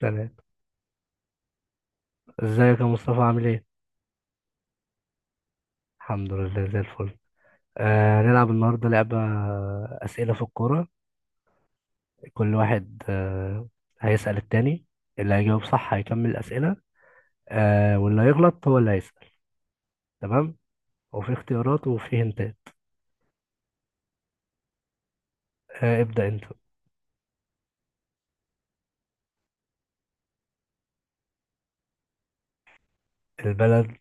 تمام. ازيك يا مصطفى عامل ايه؟ الحمد لله زي الفل. هنلعب النهارده لعبة، أسئلة في الكورة. كل واحد هيسأل التاني. اللي هيجاوب صح هيكمل الأسئلة، واللي هيغلط هو اللي هيسأل. تمام؟ وفي اختيارات وفي هنتات. ابدأ انت. البلد،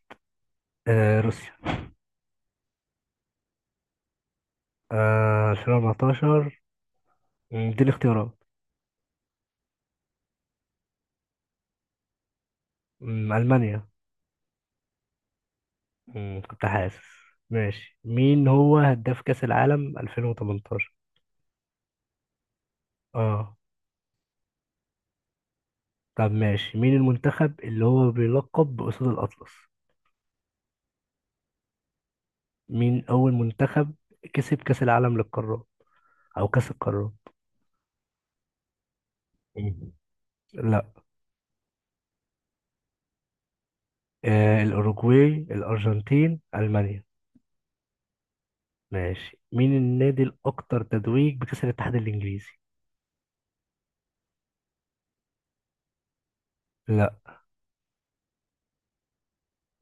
روسيا. 2014. دي الاختيارات. ألمانيا. كنت حاسس. ماشي، مين هو هداف كأس العالم 2018؟ اه. طب ماشي، مين المنتخب اللي هو بيلقب بأسود الأطلس؟ مين أول منتخب كسب كأس العالم للقارات أو كأس القارات؟ مم. لا. الأوروغواي، الأرجنتين، ألمانيا. ماشي، مين النادي الأكثر تتويج بكأس الاتحاد الإنجليزي؟ لا.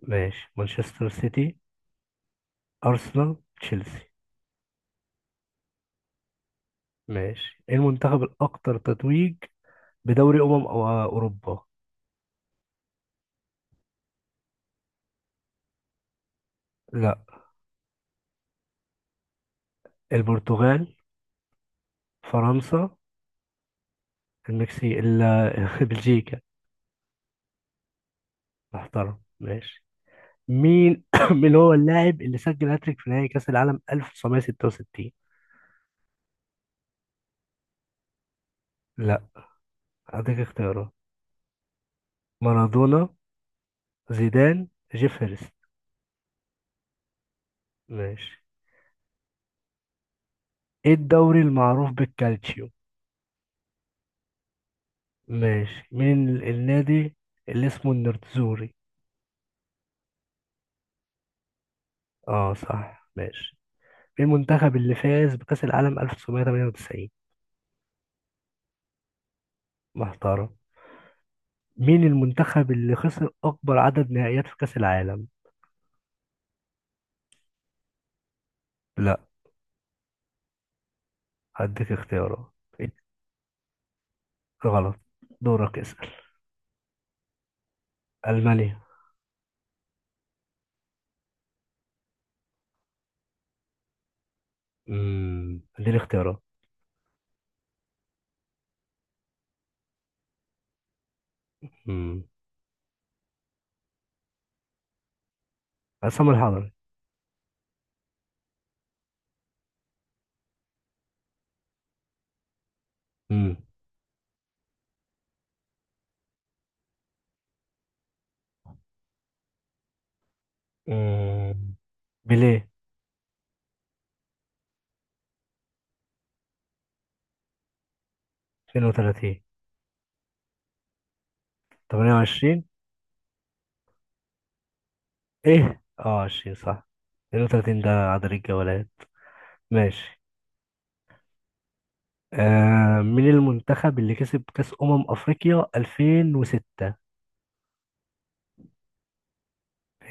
ماشي، مانشستر سيتي، أرسنال، تشيلسي. ماشي، إيه المنتخب الأكثر تتويج بدوري أمم أوروبا؟ لا. البرتغال، فرنسا، المكسيك، بلجيكا. محترم. ماشي، مين مين هو اللاعب اللي سجل هاتريك في نهائي كأس العالم 1966؟ لا، هديك اختيارات. مارادونا، زيدان، جيف هيرست. ماشي. ايه الدوري المعروف بالكالتشيو؟ ماشي، مين النادي اللي اسمه النيرتزوري؟ اه صح. ماشي، مين المنتخب اللي فاز بكأس العالم 1998؟ محترم. مين المنتخب اللي خسر أكبر عدد نهائيات في كأس العالم؟ لا، هديك اختيارات. إيه؟ غلط. دورك. ألمانيا. اديني اختيارات. مم. عصام الحضري. مم. مم. بيليه. 32. 28. ايه اه 20 صح. 32 ده عدد الجولات. ماشي. آه مين المنتخب اللي كسب كأس أمم أفريقيا 2006؟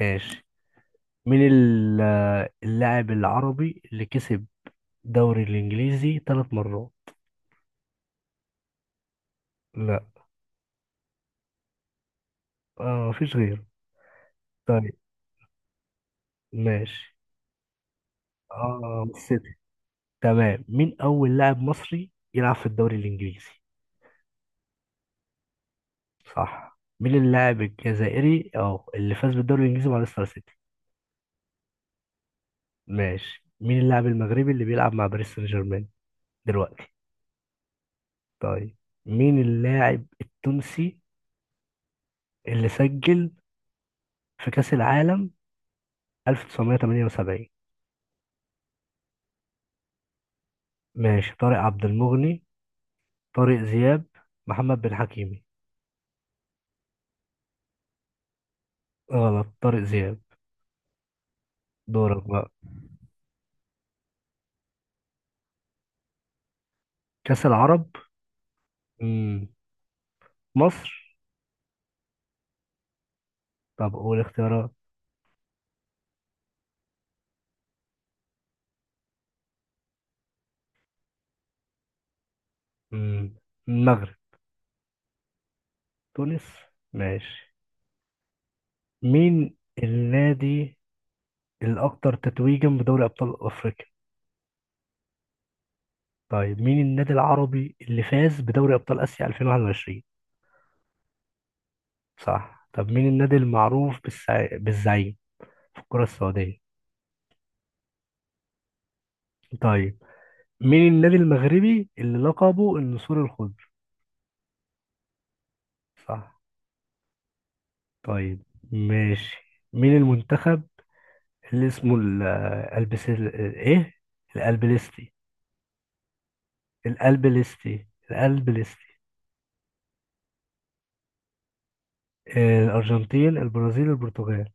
ماشي، مين اللاعب العربي اللي كسب دوري الإنجليزي ثلاث مرات؟ لا. مفيش غيره. طيب. ماشي. اه ست. تمام، مين أول لاعب مصري يلعب في الدوري الإنجليزي؟ صح. مين اللاعب الجزائري أه اللي فاز بالدوري الإنجليزي مع ليستر سيتي؟ ماشي، مين اللاعب المغربي اللي بيلعب مع باريس سان جيرمان دلوقتي؟ طيب. مين اللاعب التونسي اللي سجل في كأس العالم 1978؟ ماشي، طارق عبد المغني، طارق زياب، محمد بن حكيمي. غلط، طارق زياب. دورك بقى. كأس العرب. مم. مصر. طب قول اختيارات. مم. المغرب. تونس. ماشي، مين النادي الأكثر تتويجا بدوري أبطال أفريقيا؟ طيب، مين النادي العربي اللي فاز بدوري أبطال آسيا 2021؟ صح. طب مين النادي المعروف بالزعيم في الكرة السعودية؟ طيب، مين النادي المغربي اللي لقبه النسور الخضر؟ صح. طيب. ماشي. مين المنتخب اللي اسمه ال- البس ال- ايه الألبليستي؟ الألبليستي، الألبليستي. الأرجنتين، البرازيل، البرتغال.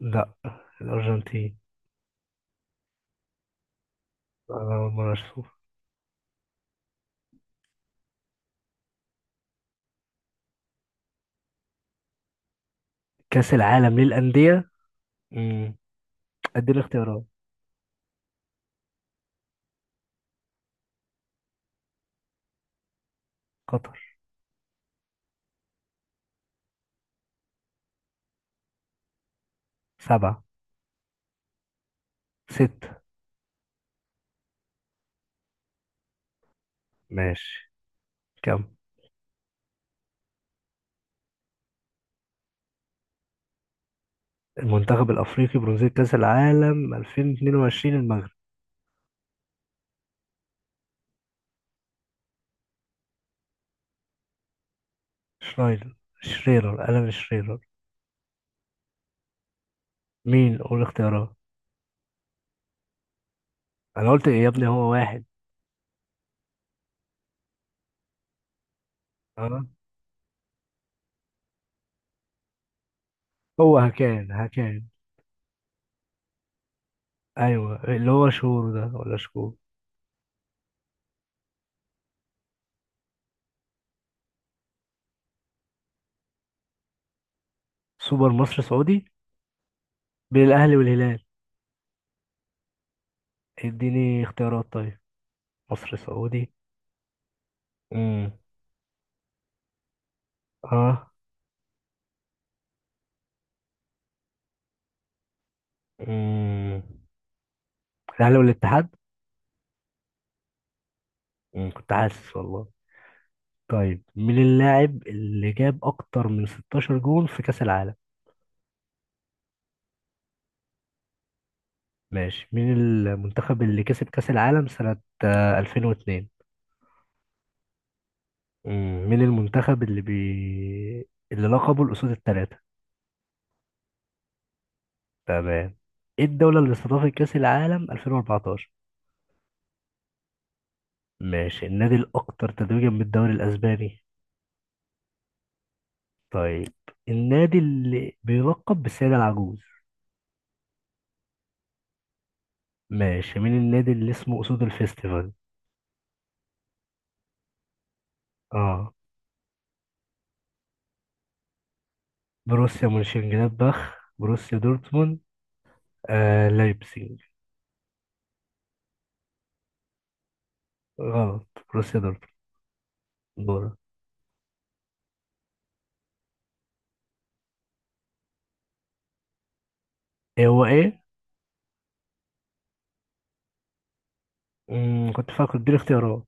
لا، الأرجنتين. أنا أول مرة أشوف. كأس العالم للأندية. مم. أديني اختيارات. قطر. سبعة. ستة. ماشي. كم المنتخب الأفريقي برونزية كأس العالم 2022؟ المغرب. شرايدر، شريرر، ألان شريرر. مين قول اختيارات؟ أنا قلت إيه يا ابني، هو واحد. أه. هو هكان. أيوه اللي هو شهور ده ولا شكور. سوبر مصر سعودي. بين الأهلي والهلال. اديني اختيارات طيب. مصر سعودي. امم. اه. امم. الاهلي والاتحاد. امم، كنت حاسس والله. طيب، مين اللاعب اللي جاب اكتر من 16 جول في كاس العالم؟ ماشي، مين المنتخب اللي كسب كاس العالم سنة 2002؟ امم، مين المنتخب اللي اللي لقبه الأسود الثلاثة؟ تمام. ايه الدولة اللي استضافت كأس العالم 2014؟ ماشي. النادي الأكثر تتويجا بالدوري الأسباني؟ طيب. النادي اللي بيلقب بالسيدة العجوز؟ ماشي، مين النادي اللي اسمه أسود الفيستيفال؟ اه. بروسيا مونشنجلادباخ، بروسيا دورتموند، لايبزيج. غلط، بروسيا دورتموند. دورة. ايه هو ايه؟ كنت فاكر، اديني اختيارات.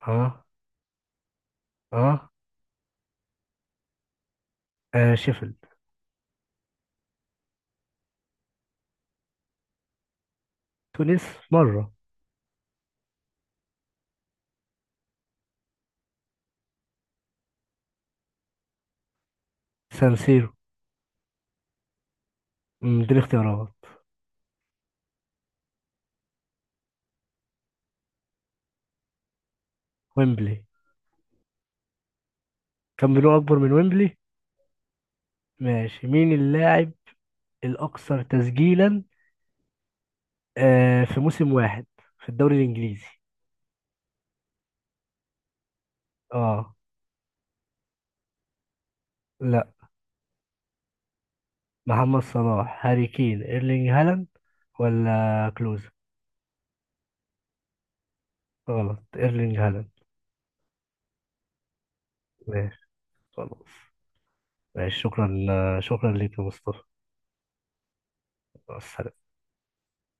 اه. اه. شيفيلد. تونس، مرة. سانسيرو. اديني اختيارات. ويمبلي. كان بينه أكبر من ويمبلي. ماشي، مين اللاعب الأكثر تسجيلا في موسم واحد في الدوري الإنجليزي؟ اه. لا. محمد صلاح، هاري كين، ايرلينج هالاند، ولا كلوز. غلط، ايرلينج هالاند. ماشي. خلاص. ماشي، شكرا. شكرا ليك يا مصطفى. مع السلامة.